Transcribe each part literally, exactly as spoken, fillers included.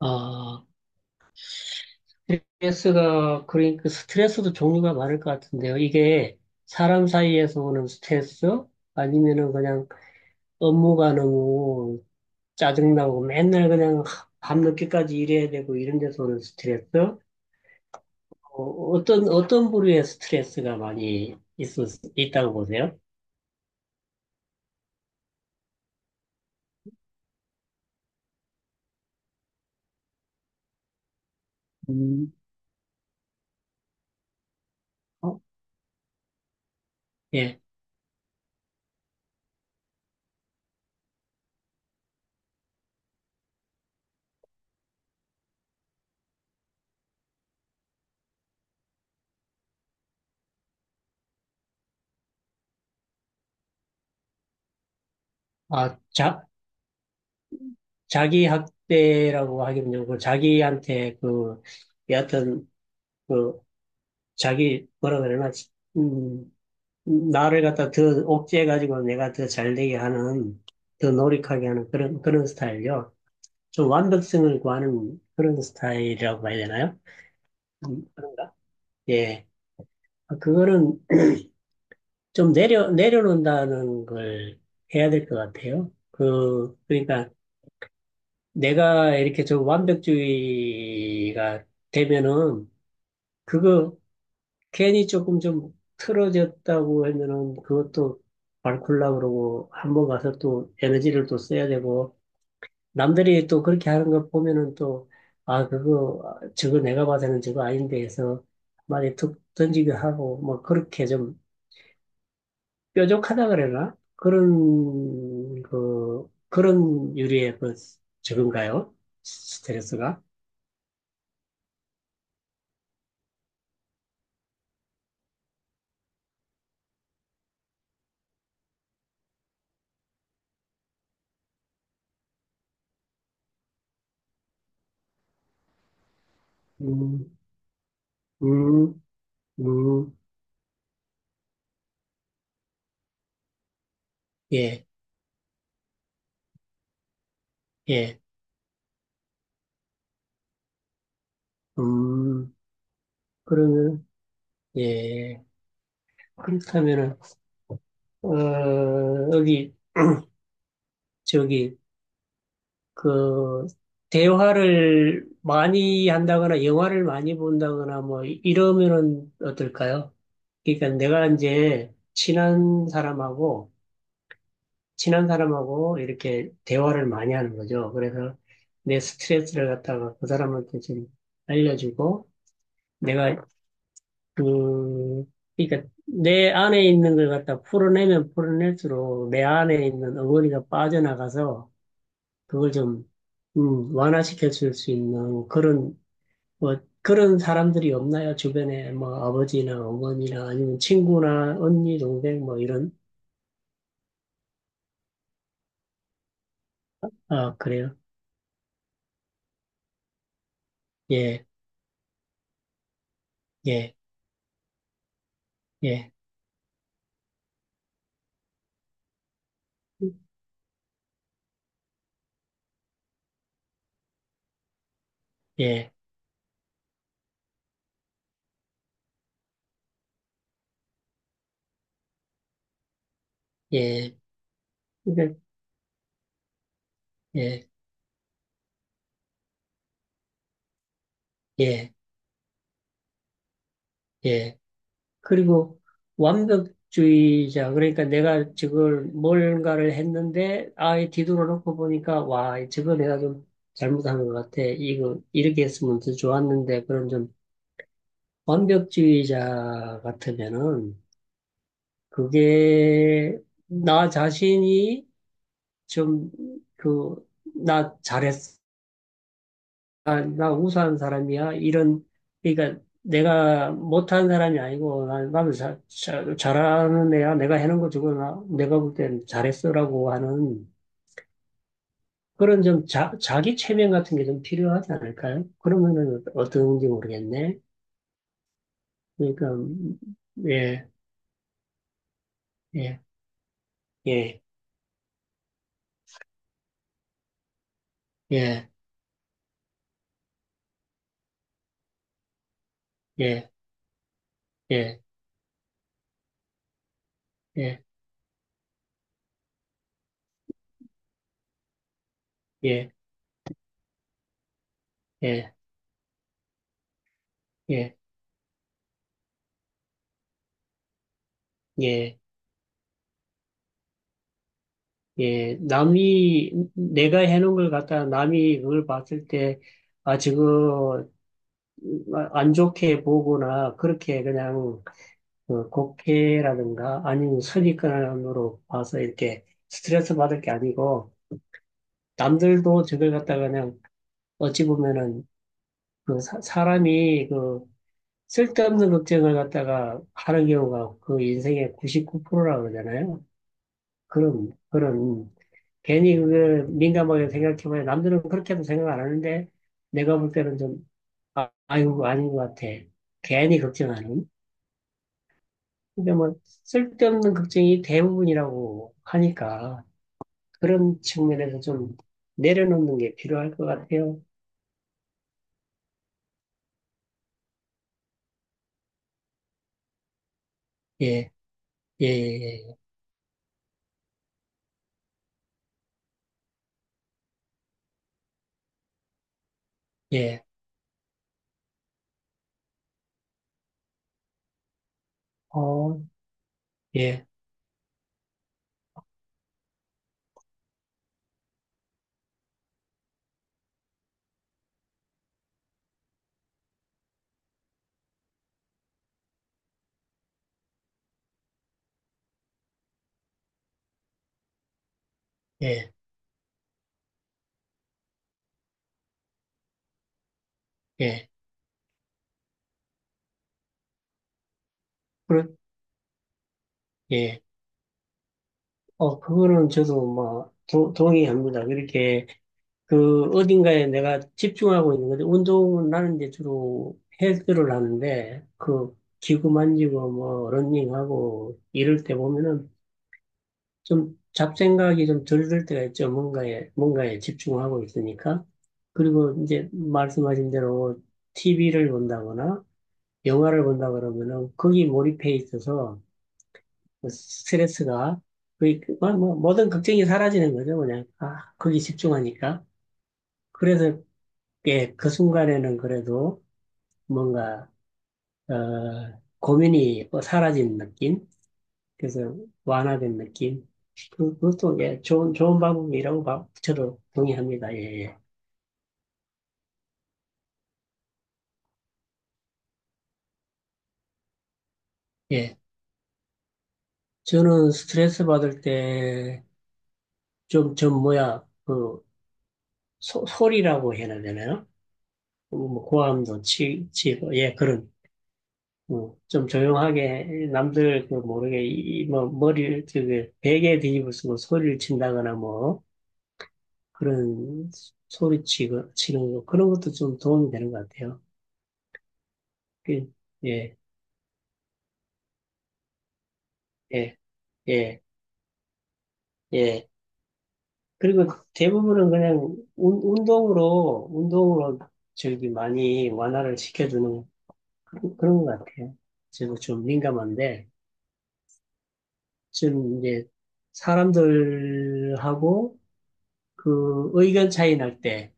아, 스트레스가, 그러니까 스트레스도 종류가 많을 것 같은데요. 이게 사람 사이에서 오는 스트레스? 아니면은 그냥 업무가 너무 짜증나고 맨날 그냥 밤늦게까지 일해야 되고 이런 데서 오는 스트레스? 어, 어떤, 어떤 부류의 스트레스가 많이 있었, 있다고 보세요? 음, 어, 예. 아, 자, 자기 학대라고 하기는 좀고 자기한테 그, 여하튼, 그, 자기 뭐라 그러나 음, 나를 갖다 더 옥죄해가지고 내가 더 잘되게 하는 더 노력하게 하는 그런 그런 스타일이요. 좀 완벽성을 구하는 그런 스타일이라고 봐야 되나요? 음, 그런가? 예, 아, 그거는 좀 내려 내려놓는다는 걸 해야 될 것 같아요. 그 그러니까 내가 이렇게 좀 완벽주의가 되면은 그거 괜히 조금 좀 틀어졌다고 하면은 그것도 앓굴라 그러고 한번 가서 또 에너지를 또 써야 되고 남들이 또 그렇게 하는 거 보면은 또 아 그거 아, 저거 내가 봐서는 저거 아닌데 해서 많이 툭 던지기도 하고 뭐 그렇게 좀 뾰족하다 그래나 그런 그 그런 유리의 그 저건가요 스트레스가 음 음, 음, 예, 예, 음, 그러면, 예. 그렇다면은 어, 여기 저기 그 대화를 많이 한다거나 영화를 많이 본다거나 뭐 이러면은 어떨까요? 그러니까 내가 이제 친한 사람하고 친한 사람하고 이렇게 대화를 많이 하는 거죠. 그래서 내 스트레스를 갖다가 그 사람한테 좀 알려주고 내가 그 그러니까 내 안에 있는 걸 갖다 풀어내면 풀어낼수록 내 안에 있는 어머니가 빠져나가서 그걸 좀, 음, 완화시켜 줄 수 있는 그런, 뭐, 그런 사람들이 없나요? 주변에 뭐 아버지나 어머니나 아니면 친구나 언니, 동생 뭐 이런, 아, 그래요? 예, 예, 예, 예, 예, 그러니까, 예, 예, 예. 그리고 완벽주의자, 그러니까 내가 저걸 뭔가를 했는데 아예 뒤돌아 놓고 보니까 와, 저거 내가 좀 잘못한 것 같아. 이거 이렇게 했으면 더 좋았는데 그런 좀 완벽주의자 같으면은 그게 나 자신이 좀 그 나 잘했어 나, 나 우수한 사람이야 이런 그러니까 내가 못한 사람이 아니고 나, 나는 자, 자, 잘하는 애야 내가 해놓은 거 주고 나 내가 볼 땐 잘했어라고 하는 그런 좀 자, 자기 체면 같은 게 좀 필요하지 않을까요? 그러면은 어떤지 모르겠네. 그러니까 음, 예 예, 예, 예, 예, 예. 예, 예, 예, 예, 예, 예. 남이, 내가 해놓은 걸 갖다가 남이 그걸 봤을 때, 아, 지금 안 좋게 보거나, 그렇게 그냥, 그 곡해라든가, 아니면 선입견으로 봐서 이렇게 스트레스 받을 게 아니고, 남들도 저걸 갖다가 그냥, 어찌 보면은, 그 사, 사람이 그, 쓸데없는 걱정을 갖다가 하는 경우가 그 인생의 구십구 퍼센트라고 그러잖아요. 그런, 그런 괜히 그게 민감하게 생각해봐야 남들은 그렇게도 생각 안 하는데 내가 볼 때는 좀 아, 아이고 아닌 것 같아. 괜히 걱정하는. 근데 뭐 쓸데없는 걱정이 대부분이라고 하니까 그런 측면에서 좀 내려놓는 게 필요할 것 같아요. 예, 예, 예, 예, 예. 어, 예, 예, 예. 그렇, 예. 어, 그거는 저도 뭐 동- 동의합니다. 그렇게 그 어딘가에 내가 집중하고 있는 건데 운동은 나는 이제 주로 헬스를 하는데 그 기구 만지고 뭐 러닝하고 이럴 때 보면은 좀 잡생각이 좀 덜 들 때가 있죠. 뭔가에 뭔가에 집중하고 있으니까. 그리고 이제 말씀하신 대로 티브이를 본다거나 영화를 본다 그러면은 거기 몰입해 있어서 그 스트레스가 거의 그- 뭐, 뭐 모든 걱정이 사라지는 거죠. 그냥 아 거기 집중하니까. 그래서 예, 그 순간에는 그래도 뭔가, 어, 고민이 뭐 사라진 느낌? 그래서 완화된 느낌? 그, 그것도 예, 좋은, 좋은 방법이라고 봐- 저도 동의합니다. 예, 예. 예. 저는 스트레스 받을 때 좀, 좀 뭐야, 그, 소, 소리라고 해야 되나요? 뭐 뭐 고함도 치, 치고, 예, 그런, 어, 좀 조용하게, 남들 그 모르게, 이, 뭐, 머리를, 그, 베개 뒤집어 쓰고 소리를 친다거나 뭐, 그런 소리 치고, 치는 거, 그런 것도 좀 도움이 되는 것 같아요. 그, 예, 예, 예, 예. 그리고 대부분은 그냥 운, 운동으로, 운동으로 저기 많이 완화를 시켜주는 그런, 그런 것 같아요. 저도 좀 민감한데, 지금 이제 사람들하고 그 의견 차이 날 때,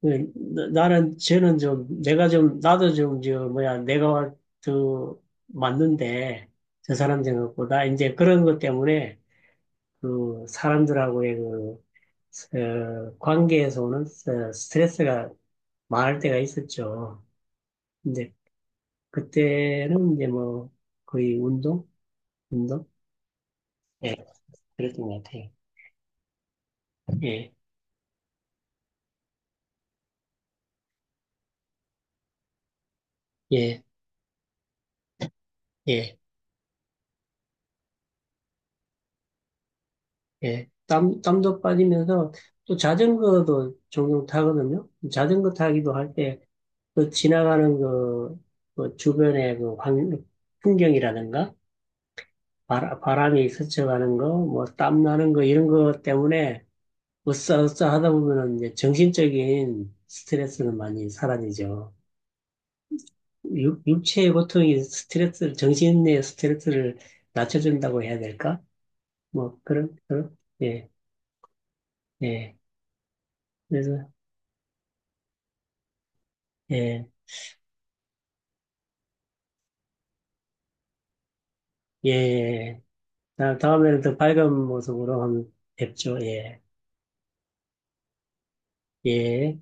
네, 나- 나는 쟤는 좀 내가 좀 나도 좀 저 뭐야 내가 더 맞는데 저 사람 생각보다 이제 그런 것 때문에 그 사람들하고의 그 어, 관계에서 오는 스- 스트레스가 많을 때가 있었죠. 근데 그때는 이제 뭐 거의 운동, 운동, 예, 그랬던 것 같아요. 예, 예, 예. 예, 땀, 땀도 빠지면서 또 자전거도 종종 타거든요. 자전거 타기도 할 때 그 지나가는 그, 그 주변의 그 환, 풍경이라든가 바람, 바람이 스쳐가는 거, 뭐 땀 나는 거 이런 거 때문에 으쌰으쌰 하다 보면은 이제 정신적인 스트레스는 많이 사라지죠. 육, 육체의 고통이 스트레스를, 정신의 스트레스를 낮춰준다고 해야 될까? 뭐 그런, 그런, 예, 예. 그래서, 예. 예. 예. 다- 다음에는 더 밝은 모습으로 한번 뵙죠. 예. 예.